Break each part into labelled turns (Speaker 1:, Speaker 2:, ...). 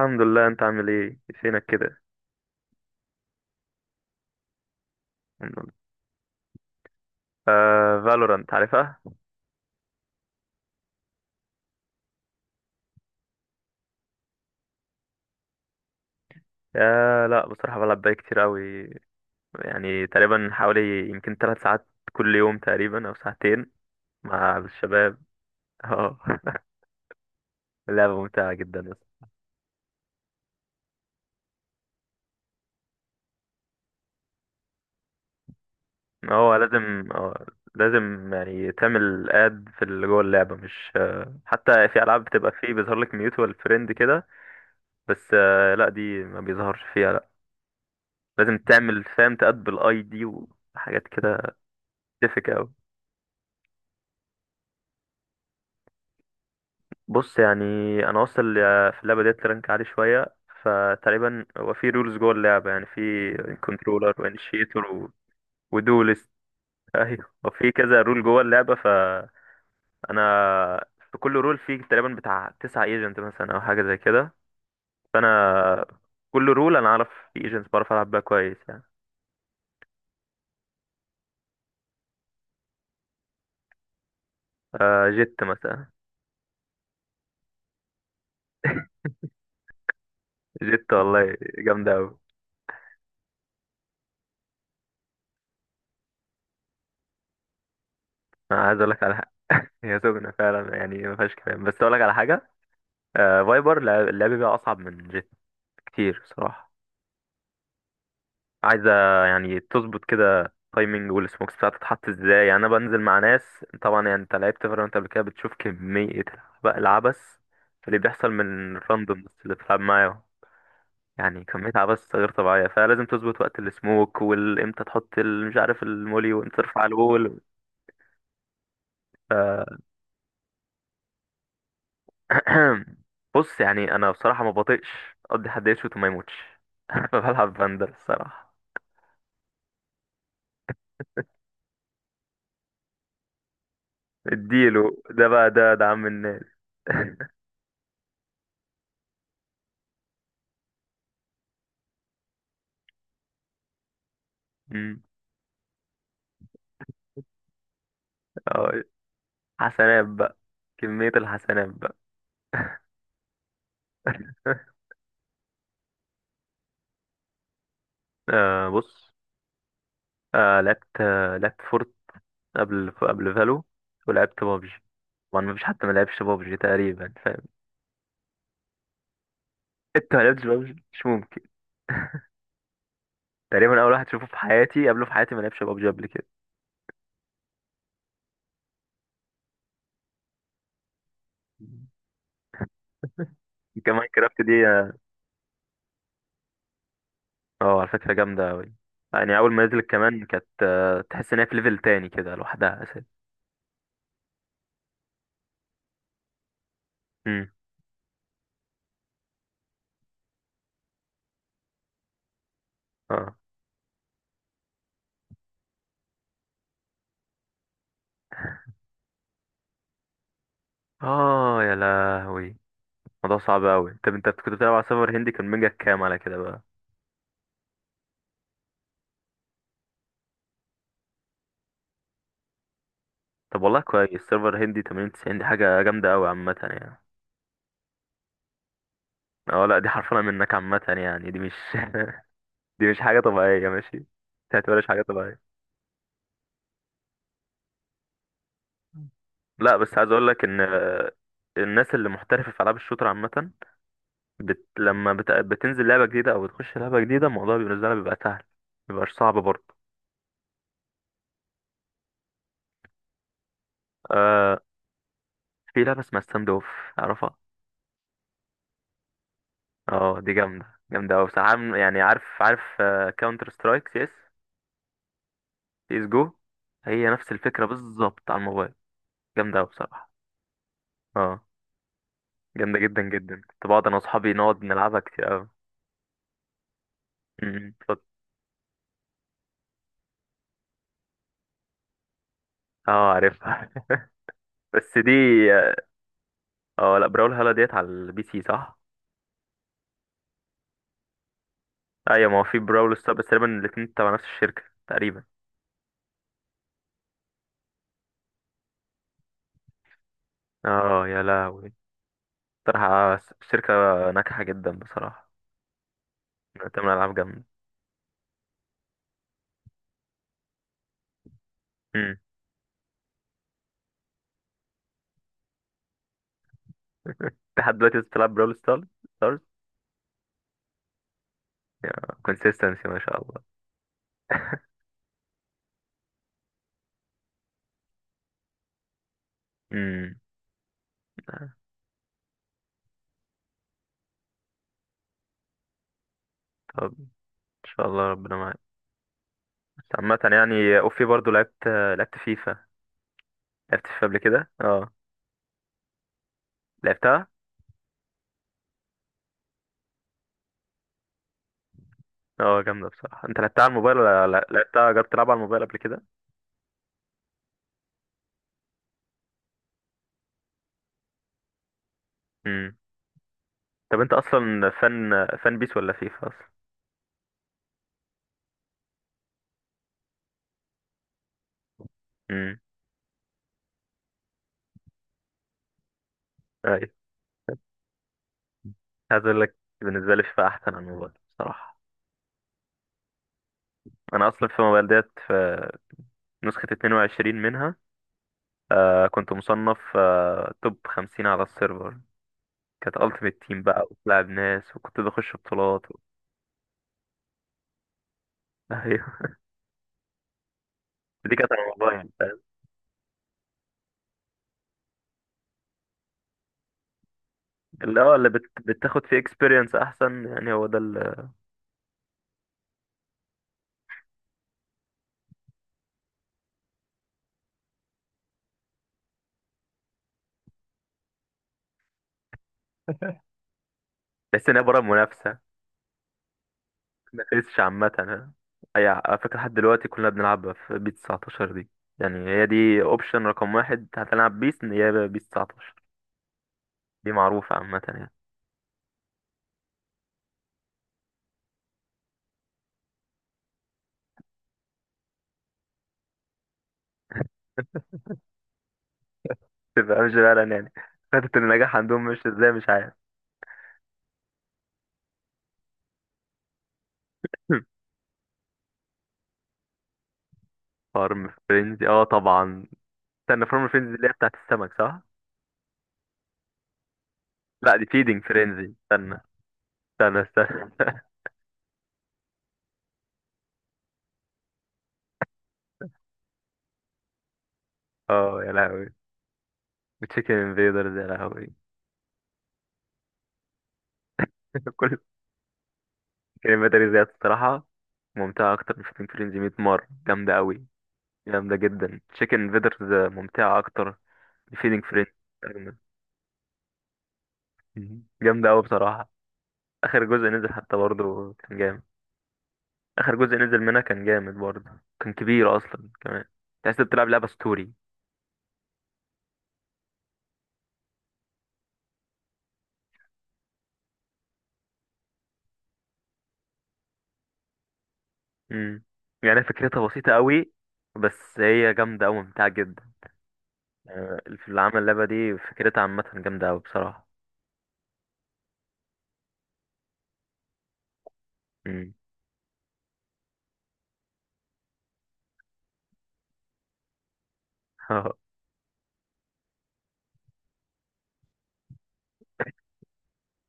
Speaker 1: الحمد لله. انت عامل ايه فينك كده؟ الحمد لله. آه، فالورانت عارفها. آه لا، بصراحة بلعب بقى كتير قوي. يعني تقريبا حوالي يمكن 3 ساعات كل يوم تقريبا او ساعتين مع الشباب. اه. لعبة ممتعة جدا بس. هو لازم اه، لازم يعني تعمل اد في اللي جوه اللعبة، مش حتى في العاب بتبقى فيه بيظهر لك ميوتوال فريند كده. بس آه لا، دي ما بيظهرش فيها لا. لازم تعمل فاهم تاد بالاي دي وحاجات كده. تفك قوي. بص يعني، انا واصل في اللعبه ديت لرانك عالي شويه. فتقريبا هو في رولز جوه اللعبه، يعني في كنترولر وانيشيتور و... ودولست. ايوه، وفي كذا رول جوه اللعبه، فانا في كل رول في تقريبا بتاع 9 ايجنت مثلا او حاجه زي كده. فانا كل رول انا اعرف في ايجنت بعرف العب بيها كويس يعني. آه جيت مثلا. جيت والله، جامده قوي. انا عايز اقول لك على حاجه، هي سجنه فعلا يعني ما فيهاش كلام، بس اقول لك على حاجه. آه، فايبر اللعب بيها اصعب من جيت كتير صراحة. عايزة يعني تظبط كده تايمنج والسموكس بتاعتها تتحط ازاي. يعني انا بنزل مع ناس طبعا، يعني انت لعبت فالورانت قبل كده، بتشوف كمية بقى العبث اللي بيحصل من الراندوم اللي بتلعب معاه. يعني كمية عبث غير طبيعية، فلازم تظبط وقت السموك والامتى تحط مش عارف المولي، وامتى ترفع الوول. ف... بص يعني، انا بصراحة ما بطيقش اقضي حد يشوت وما يموتش. بلعب بندر الصراحة. اديله ده بقى، ده عم الناس. اه، حسنات بقى، كمية الحسنات بقى. آه بص، لعبت فورت قبل فالو، ولعبت بابجي. طبعا مفيش حد ما لعبش بابجي تقريبا، فاهم؟ انت ما لعبتش بابجي؟ مش ممكن. تقريبا اول واحد تشوفه في حياتي قبله في حياتي ما لعبش بابجي قبل كده. كمان كرافت دي اه. على فكرة جامدة أوي. يعني أول ما نزلت كمان كانت تحس إن هي في ليفل تاني كده لوحدها أساسا. امم، اه. اه يا لهوي، الموضوع صعب قوي. طب انت كنت بتلعب على سيرفر هندي كان ميجا كام على كده بقى؟ طب والله كويس، سيرفر هندي 80 90، دي حاجه جامده قوي عامه يعني. اه لا، دي حرفنا منك عامه يعني، دي مش دي مش حاجه طبيعيه، ماشي ما تعتبرهاش حاجه طبيعيه. لا بس عايز اقول لك ان الناس اللي محترفه في العاب الشوتر عامه، بت... لما بت... بتنزل لعبه جديده او بتخش لعبه جديده، الموضوع بالنسبه لها بيبقى سهل، مبيبقاش صعب برضه. آه... في لعبه اسمها ستاند اوف اعرفها. اه دي جامدة، جامدة أوي بصراحة. عم- يعني عارف، كاونتر سترايك سي اس، سي اس جو. هي نفس الفكرة بالظبط على الموبايل، جامدة أوي بصراحة. اه، جامدة جدا جدا. كنت بقعد أنا وأصحابي نقعد نلعبها كتير أوي. أمم، اتفضل. اه عارفها. بس دي، اه، اه، لا، براول هالا ديت على البي سي صح؟ أيوة، ما هو في براول ستار، بس تقريبا الاتنين تبع نفس الشركة تقريبا. اه يا لهوي، بصراحة الشركة ناجحة جدا بصراحة، بتعمل ألعاب جامدة. أمم. لحد دلوقتي لسه بتلعب براول ستار؟ كونسيستنسي ما شاء الله. امم. طب ان شاء الله ربنا معاك. بس عامة يعني اوفي برضو لعبت، لعبت فيفا، لعبت فيفا قبل كده اه، لعبتها. اه جامدة بصراحة. انت لعبتها على الموبايل ولا لعبتها، جربت تلعب على الموبايل قبل كده؟ امم. طب انت اصلا فان بيس ولا فيفا اصلا؟ امم. ايوه عايز اقول لك، بالنسبة لي فيفا احسن على الموبايل بصراحة. انا اصلا في الموبايل ديت في نسخة 22 منها. كنت مصنف توب 50 على السيرفر. كانت التيمت تيم بقى وبتلعب ناس، وكنت بخش بطولات و... ايوه، دي كانت على الموبايل فاهم؟ اللي هو اللي بت... بتاخد فيه اكسبيرينس احسن، يعني هو ده اللي تحس ان هي بره منافسه. ما فيش عامه ها؟ اي، على فكره لحد دلوقتي كلنا بنلعبها في بيس 19 دي. يعني هي دي اوبشن رقم واحد، هتلعب بيس ان هي بيس 19. دي معروفه عامه يعني. تبقى مش فعلا يعني، خدت النجاح عندهم مش ازاي، مش عارف. فارم فرينزي اه طبعا. استنى، فارم فرينزي اللي هي بتاعت السمك صح؟ لا دي فيدنج فرينزي. استنى، استنى استنى. اه يا لهوي، تشيكن انفيدرز يا لهوي. كل كلمة تاني زيادة الصراحة، ممتعة أكتر من فيدنج فريندز 100 مرة، جامدة أوي. جامدة جدا تشيكن انفيدرز، ممتعة أكتر من فيدنج فريندز. جامدة أوي بصراحة. آخر جزء نزل حتى برضه كان جامد. آخر جزء نزل منها كان جامد برضه، كان كبير أصلا كمان، تحس إنك بتلعب لعبة ستوري. مم. يعني فكرتها بسيطة أوي، بس هي جامدة أوي ممتعة جدا. في اللي عمل اللعبة دي فكرتها عامة جامدة أوي بصراحة. مم.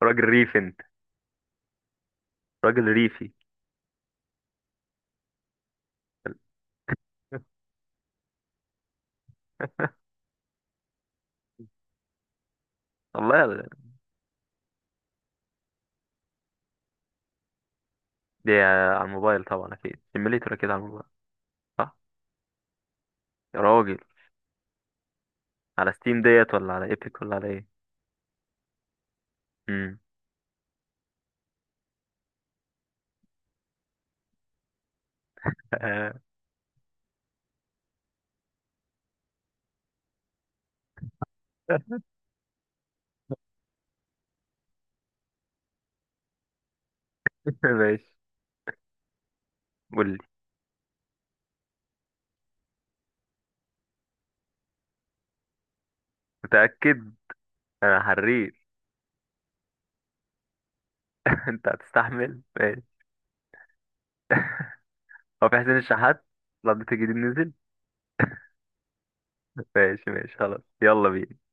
Speaker 1: راجل ريفي أنت، راجل ريفي. والله ال-. دي على الموبايل طبعا أكيد، سيميليتور أكيد على الموبايل، صح؟ يا راجل، على ستيم ديت ولا على ايبك ولا على ايه؟ مم. آه، ماشي قول لي. متأكد؟ أنا حريت. أنت هتستحمل ماشي. هو في حسين الشحات؟ الأبديت الجديد نزل. ماشي ماشي خلاص يلا بينا.